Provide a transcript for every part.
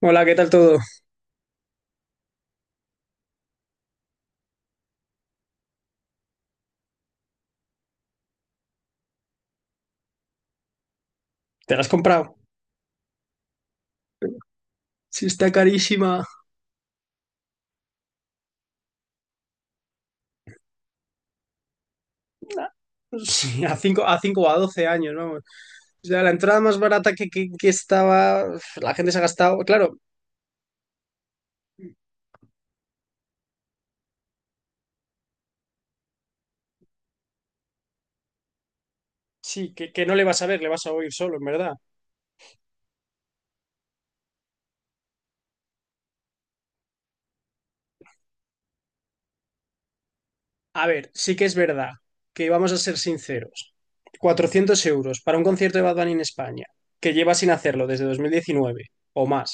Hola, ¿qué tal todo? ¿Te la has comprado? Sí, está carísima. Sí, a 5, a 5 o a 12 años, vamos. O sea, la entrada más barata que estaba, la gente se ha gastado. Claro, sí, que no le vas a ver, le vas a oír solo, en verdad. A ver, sí que es verdad que vamos a ser sinceros. 400 euros para un concierto de Bad Bunny en España, que lleva sin hacerlo desde 2019 o más.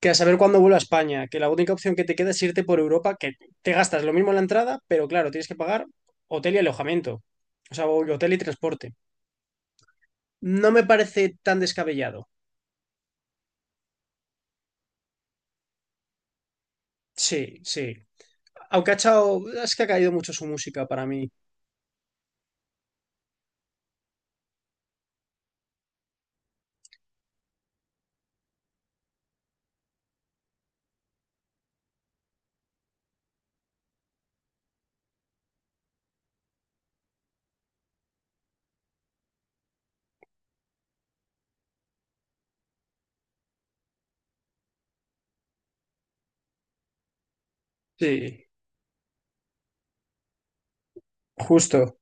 Que a saber cuándo vuelvo a España, que la única opción que te queda es irte por Europa, que te gastas lo mismo en la entrada, pero claro, tienes que pagar hotel y alojamiento. O sea, hotel y transporte. No me parece tan descabellado. Sí, sí. Aunque ha echado. Es que ha caído mucho su música para mí. Sí, justo.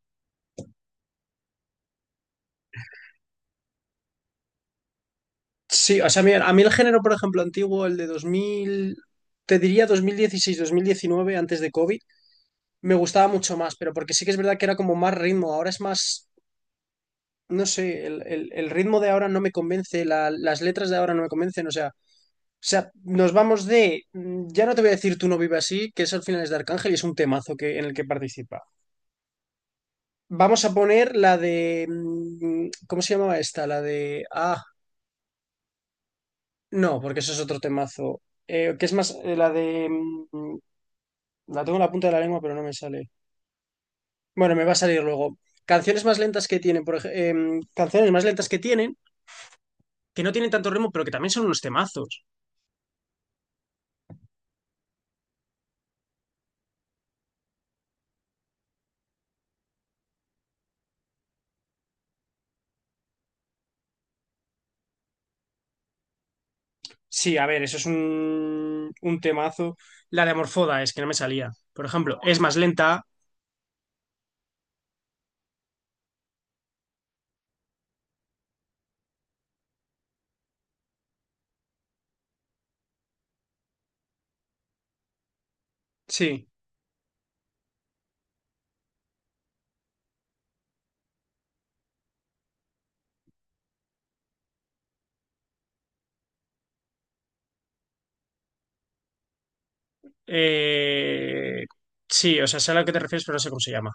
Sí, o sea, mira, a mí el género, por ejemplo, antiguo, el de 2000, te diría 2016, 2019, antes de COVID, me gustaba mucho más, pero porque sí que es verdad que era como más ritmo, ahora es más no sé, el ritmo de ahora no me convence, las letras de ahora no me convencen, o sea, nos vamos de, ya no te voy a decir Tú no vives así, que es al final es de Arcángel y es un temazo en el que participa. Vamos a poner la de, ¿cómo se llamaba esta? La de, no, porque eso es otro temazo. Que es más, la de, la tengo en la punta de la lengua, pero no me sale. Bueno, me va a salir luego. Canciones más lentas que tienen, por ejemplo, canciones más lentas que tienen, que no tienen tanto ritmo, pero que también son unos temazos. Sí, a ver, eso es un temazo. La de Amorfoda es que no me salía. Por ejemplo, es más lenta. Sí. Eh, sí, o sea, sé a lo que te refieres, pero no sé cómo se llama.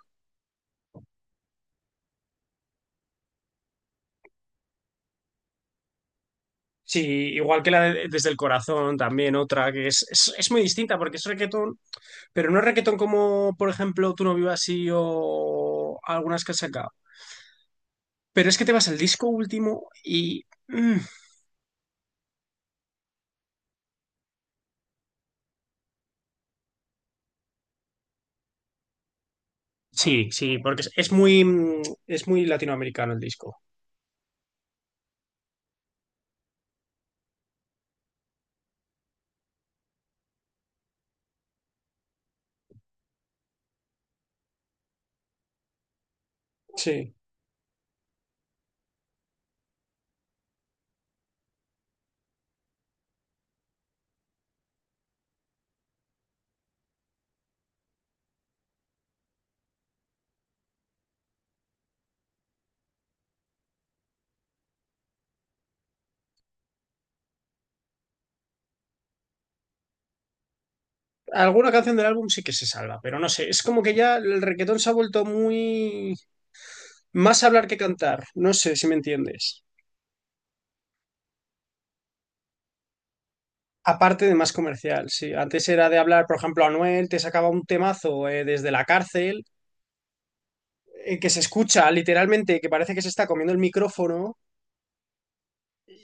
Sí, igual que la de Desde el Corazón, también otra que es, es muy distinta porque es reggaetón, pero no es reggaetón como, por ejemplo, Tú no vivas así o algunas que has sacado. Pero es que te vas al disco último y... sí, sí, porque es muy, es muy latinoamericano el disco. Sí. Alguna canción del álbum sí que se salva, pero no sé, es como que ya el reggaetón se ha vuelto muy más hablar que cantar, no sé si me entiendes. Aparte de más comercial, sí. Antes era de hablar, por ejemplo, Anuel te sacaba un temazo desde la cárcel, que se escucha literalmente, que parece que se está comiendo el micrófono.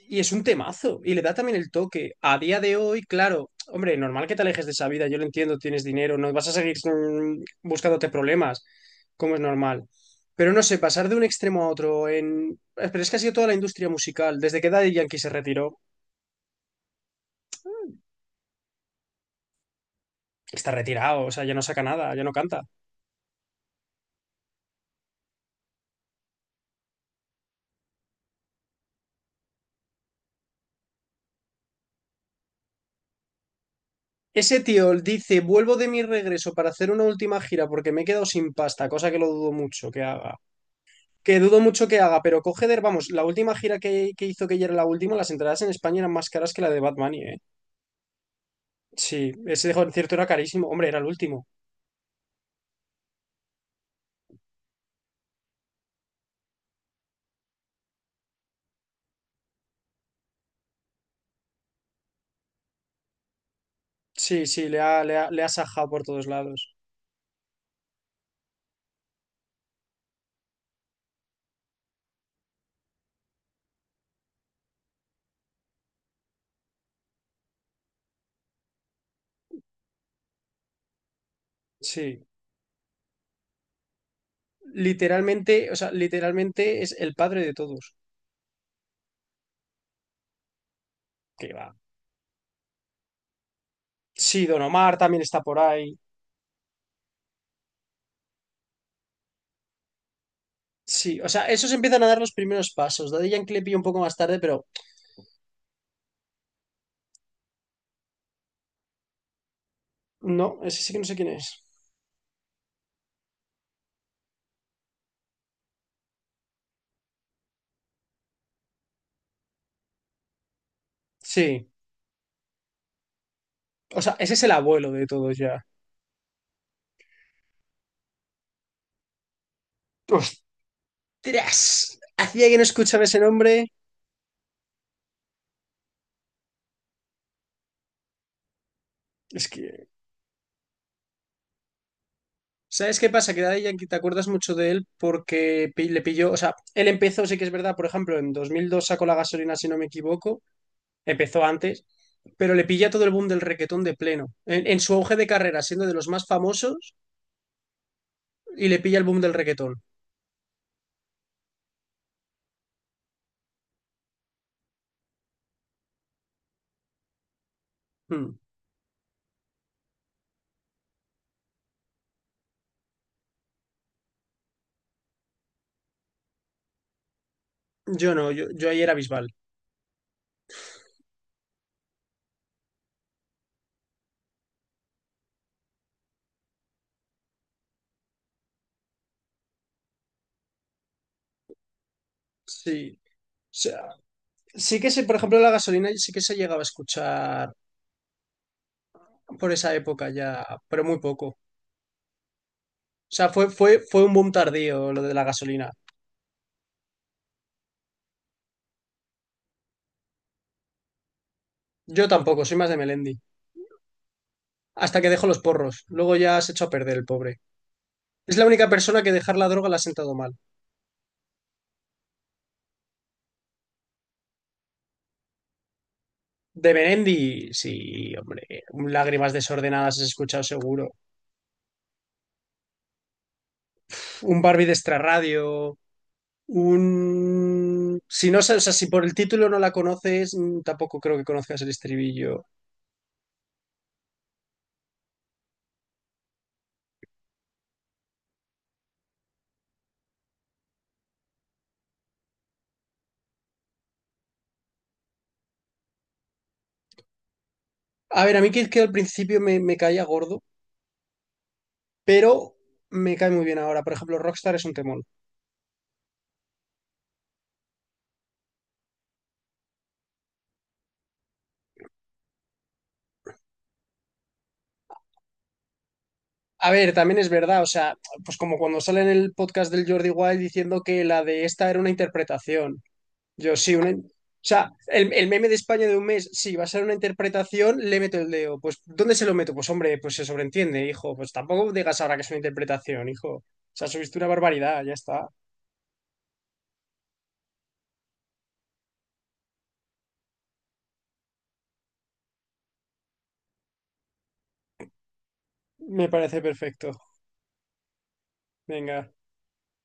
Y es un temazo, y le da también el toque. A día de hoy, claro, hombre, normal que te alejes de esa vida, yo lo entiendo, tienes dinero, no vas a seguir buscándote problemas, como es normal. Pero no sé, pasar de un extremo a otro en... Pero es que ha sido toda la industria musical, desde que Daddy Yankee se retiró, está retirado, o sea, ya no saca nada, ya no canta. Ese tío dice, vuelvo de mi regreso para hacer una última gira porque me he quedado sin pasta, cosa que lo dudo mucho que haga. Que dudo mucho que haga, pero coge vamos, la última gira que hizo que ya era la última, las entradas en España eran más caras que la de Batman, ¿eh? Sí, ese concierto era carísimo, hombre, era el último. Sí, sí, le ha sajado por todos lados. Sí, literalmente, o sea, literalmente es el padre de todos. Que va. Sí, Don Omar también está por ahí. Sí, o sea, esos empiezan a dar los primeros pasos. Daddy Yankee le pillo un poco más tarde, pero no, ese sí que no sé quién es. Sí, o sea, ese es el abuelo de todos ya. O tras. Hacía que no escuchaba ese nombre. Es que. ¿Sabes qué pasa? Que Daddy Yankee te acuerdas mucho de él porque le pilló. O sea, él empezó, sí que es verdad, por ejemplo, en 2002 sacó la gasolina, si no me equivoco. Empezó antes, pero le pilla todo el boom del reggaetón de pleno. En su auge de carrera, siendo de los más famosos, y le pilla el boom del reggaetón. Hmm. Yo no, yo ahí era Bisbal. Sí. O sea, sí que sé, por ejemplo, la gasolina sí que se llegaba a escuchar por esa época ya, pero muy poco. O sea, fue un boom tardío lo de la gasolina. Yo tampoco, soy más de Melendi. Hasta que dejó los porros. Luego ya se echó a perder el pobre. Es la única persona que dejar la droga la ha sentado mal. De Melendi, sí, hombre. Un Lágrimas desordenadas has escuchado seguro. Un Barbie de extrarradio. Un. Si no, o sea, si por el título no la conoces, tampoco creo que conozcas el estribillo. A ver, a mí que al principio me caía gordo, pero me cae muy bien ahora. Por ejemplo, Rockstar es un temón. A ver, también es verdad, o sea, pues como cuando sale en el podcast del Jordi Wild diciendo que la de esta era una interpretación. Yo sí, una... O sea, el meme de España de un mes, sí, va a ser una interpretación, le meto el dedo. Pues, ¿dónde se lo meto? Pues, hombre, pues se sobreentiende, hijo. Pues tampoco digas ahora que es una interpretación, hijo. O sea, subiste una barbaridad, ya está. Me parece perfecto. Venga.